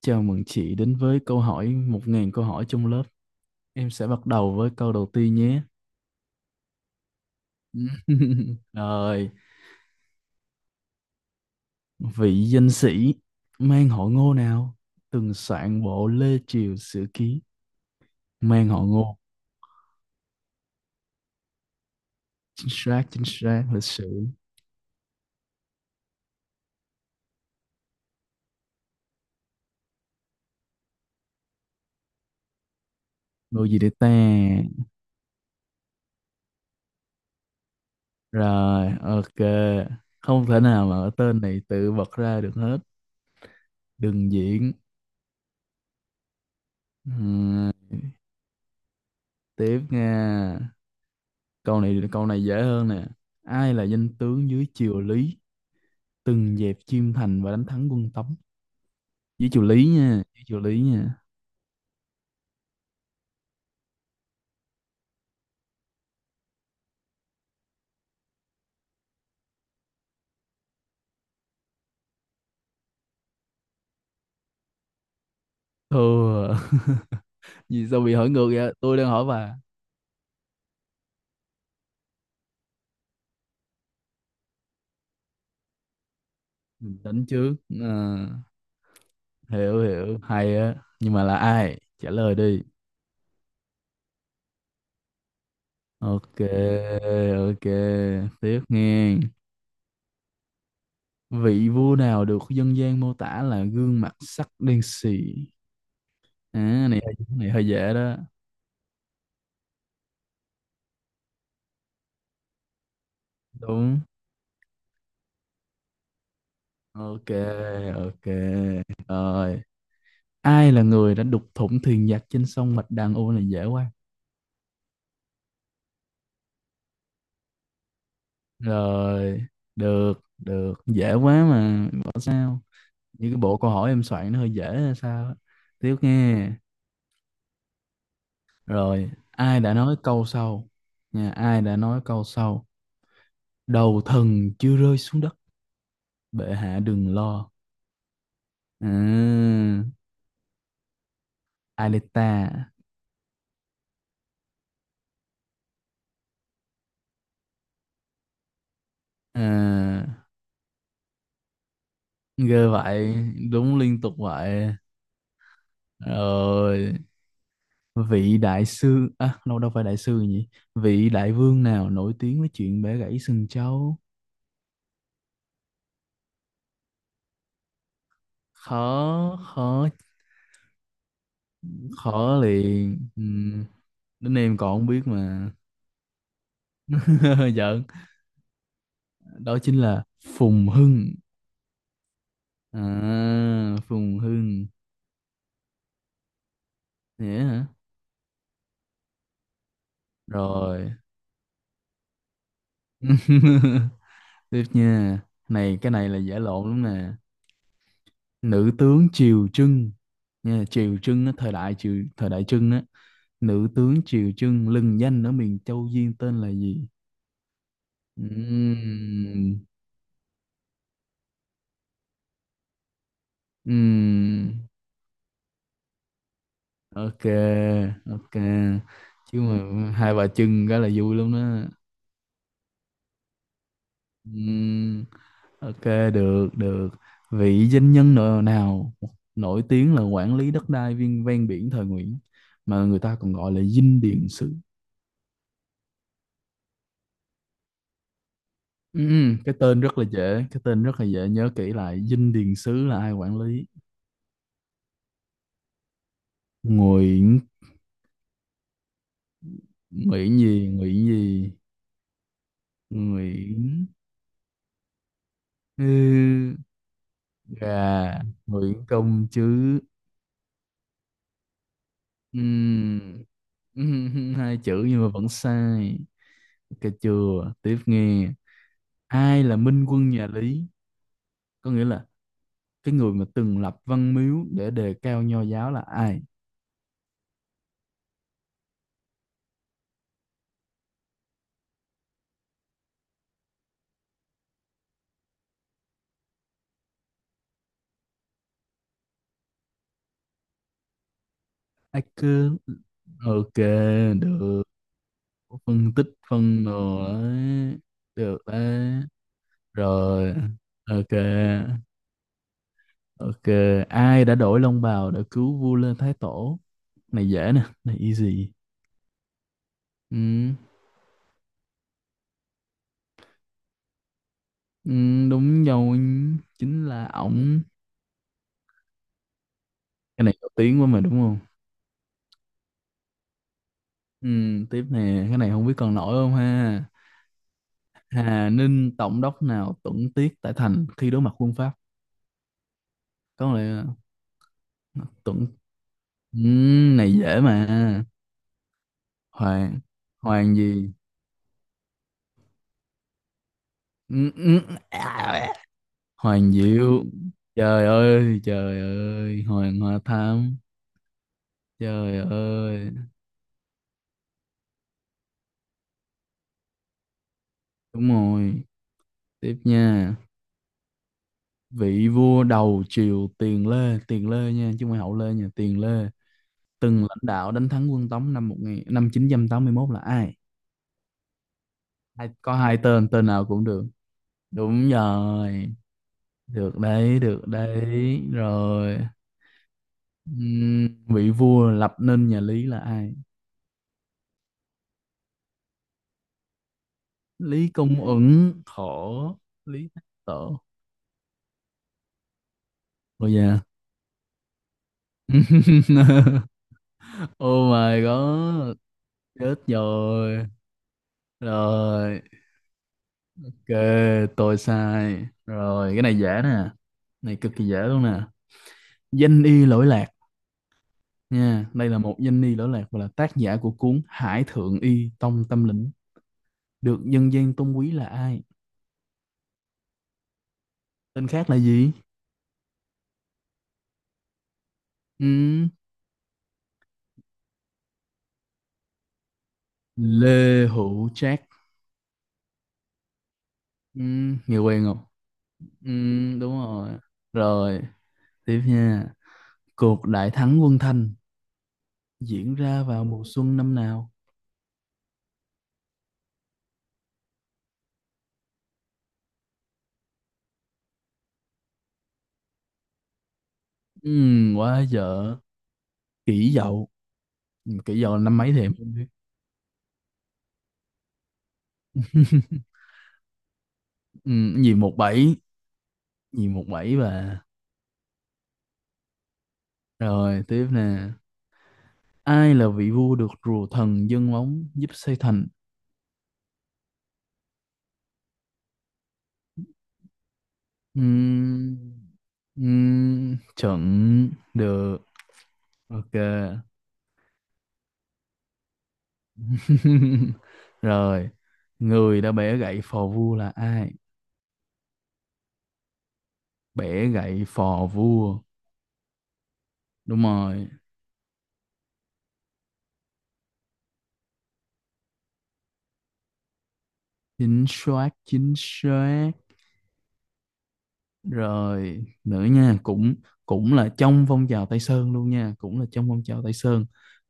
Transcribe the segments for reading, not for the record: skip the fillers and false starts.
Chào mừng chị đến với câu hỏi 1.000 câu hỏi trong lớp. Em sẽ bắt đầu với câu đầu tiên nhé. Rồi, vị danh sĩ mang họ Ngô nào từng soạn bộ Lê Triều Sử Ký, mang họ Ngô. Chính xác, lịch sử. Ngô gì để ta? Rồi, ok. Không thể nào mà ở tên này tự bật ra được hết. Đừng diễn. Ừm, tiếp nha. Câu này dễ hơn nè. Ai là danh tướng dưới triều Lý từng dẹp Chiêm Thành và đánh thắng quân Tống? Với triều Lý nha, với triều Lý nha. Thưa, vì sao bị hỏi ngược vậy, tôi đang hỏi bà. Bình tĩnh trước. Ờ, hiểu hiểu, hay á, nhưng mà là ai trả lời đi. Ok, ok, tiếp nghe. Vị vua nào được dân gian mô tả là gương mặt sắc đen xì? À, này, hơi dễ đó. Đúng. Ok, ok, rồi. Ai là người đã đục thủng thuyền giặc trên sông Bạch Đằng? Ô, này dễ quá. Rồi, được, được, dễ quá mà bảo sao, như cái bộ câu hỏi em soạn nó hơi dễ hay sao á. Tiếp nghe. Rồi ai đã nói câu sau, nha, ai đã nói câu sau: đầu thần chưa rơi xuống đất, bệ hạ đừng lo? À, Alita. À, ghê vậy, đúng liên tục vậy. Rồi vị đại sư, à, đâu đâu phải đại sư nhỉ, vị đại vương nào nổi tiếng với chuyện bẻ gãy sừng trâu? Khó, khó, khó liền. Ừ, đến em còn không biết mà. Giỡn. Đó chính là Phùng Hưng. À, Phùng Hưng. Nhé hả. Rồi. Tiếp nha. Này, cái này là giả lộn lắm nè. Nữ tướng Triều Trưng nha, Triều Trưng á, thời đại Trưng á, nữ tướng Triều Trưng lừng danh ở miền Châu Duyên tên là gì? Ừm, ừm, ok, ok, chứ mà hai bà Trưng cái là vui lắm đó. Ừm, ok, được, được. Vị danh nhân nào nổi tiếng là quản lý đất đai viên ven biển thời Nguyễn mà người ta còn gọi là dinh điện sử? Ừ, ừ, cái tên rất là dễ, cái tên rất là dễ nhớ kỹ lại. Dinh Điền Sứ là ai quản lý? Nguyễn Nguyễn gì? Nguyễn gì? Nguyễn, ừ, gà. Nguyễn Công chứ. Ừ. Ừ, hai chữ nhưng mà vẫn sai. Cà chừa, tiếp nghe. Ai là minh quân nhà Lý? Có nghĩa là cái người mà từng lập văn miếu để đề cao nho giáo là ai? Ai cứ ok được. Phân tích phân đồ đấy, được đấy rồi. Ok, ok. Ai đã đổi long bào để cứu vua Lê Thái Tổ? Này dễ nè, này easy. Ừ. Ừ, đúng rồi, chính là ổng. Cái này nổi tiếng quá mà đúng không? Ừ, tiếp nè, cái này không biết còn nổi không ha. Hà Ninh tổng đốc nào tuẫn tiết tại thành khi đối mặt quân Pháp? Có lẽ là tuẫn. Ừ, này dễ mà. Hoàng hoàng gì? Ừ, ừ, à, Hoàng Diệu. Trời ơi, trời ơi, Hoàng Hoa Thám, trời ơi. Đúng rồi. Tiếp nha. Vị vua đầu triều Tiền Lê, Tiền Lê nha chứ không phải Hậu Lê nha, Tiền Lê, từng lãnh đạo đánh thắng quân Tống năm 1981 là ai? Ai có hai tên, tên nào cũng được. Đúng rồi, được đấy, được đấy rồi. Vị vua lập nên nhà Lý là ai? Lý Công Uẩn khổ. Lý Thái Tổ. Ôi da. Oh my god. Chết rồi. Rồi. Ok, tôi sai rồi. Cái này dễ nè. Này cực kỳ dễ luôn nè. Danh y lỗi lạc, nha, đây là một danh y lỗi lạc và là tác giả của cuốn Hải Thượng Y Tông Tâm Lĩnh, được dân gian tôn quý, là ai? Tên khác là gì? Ừ. Lê Hữu Trác. Ừ. Nghe quen không? Ừ. Đúng rồi. Rồi, tiếp nha. Cuộc đại thắng quân Thanh diễn ra vào mùa xuân năm nào? Quá dở. Kỷ Dậu. Nhưng mà Kỷ Dậu là năm mấy thì em không biết. Gì 17, gì 17 bà. Rồi, tiếp nè. Ai là vị vua được rùa thần dâng móng giúp xây thành? Ừm, chuẩn được. Ok. Rồi, người đã bẻ gậy phò vua là ai? Bẻ gậy phò vua đúng rồi. Chính xác, chính xác, rồi nữa nha, cũng, cũng là trong phong trào Tây Sơn luôn nha, cũng là trong phong trào Tây Sơn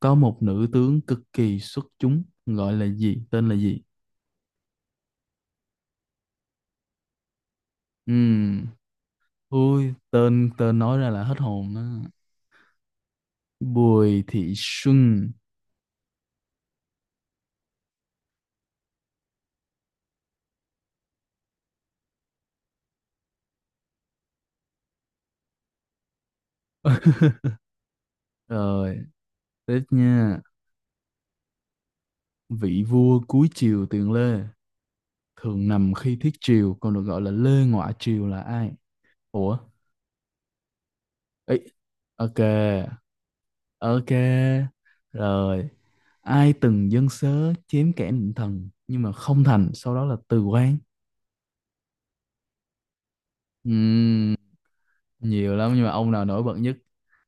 có một nữ tướng cực kỳ xuất chúng gọi là gì, tên là gì? Ừm, ui, tên tên nói ra là hết hồn đó. Bùi Thị Xuân. Rồi tiếp nha, vị vua cuối triều tiền Lê thường nằm khi thiết triều còn được gọi là Lê ngoại Triều là ai? Ủa. Ấy. Ok. Ok, rồi. Ai từng dâng sớ chém kẻ định thần nhưng mà không thành, sau đó là từ quan? Ừm, nhiều lắm nhưng mà ông nào nổi bật nhất?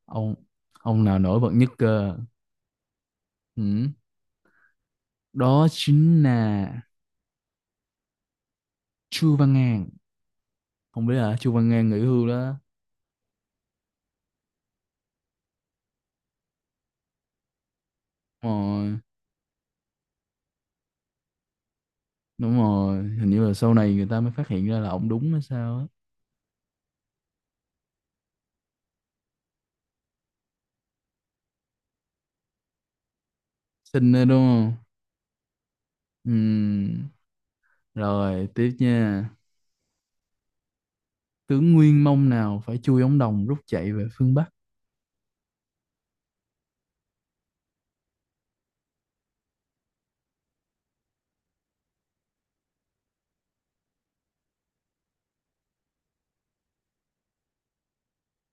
Ông ông nào nổi bật nhất cơ? Ừm, đó chính là Chu Văn An. Không biết là Chu Văn An nghỉ hưu đó. Đúng rồi, đúng rồi, hình như là sau này người ta mới phát hiện ra là ông đúng hay sao á. Xinh đó đúng không? Ừm, rồi tiếp nha. Tướng Nguyên Mông nào phải chui ống đồng rút chạy về phương Bắc?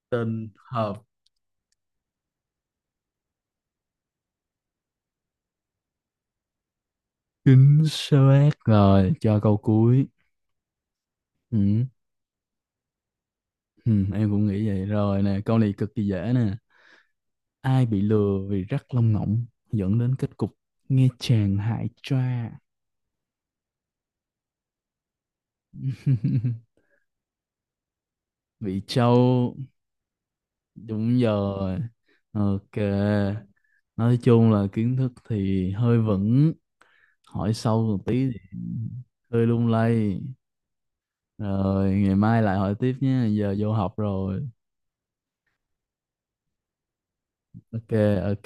Tên hợp. Chính xác rồi, cho câu cuối. Ừ. Ừ, em cũng nghĩ vậy rồi nè, câu này cực kỳ dễ nè. Ai bị lừa vì rắc lông ngỗng dẫn đến kết cục nghe chàng hại cha? Vị Châu, đúng rồi. Ok, nói chung là kiến thức thì hơi vững, hỏi sâu một tí thì hơi lung lay. Rồi, ngày mai lại hỏi tiếp nhé, giờ vô học rồi. Ok, ok.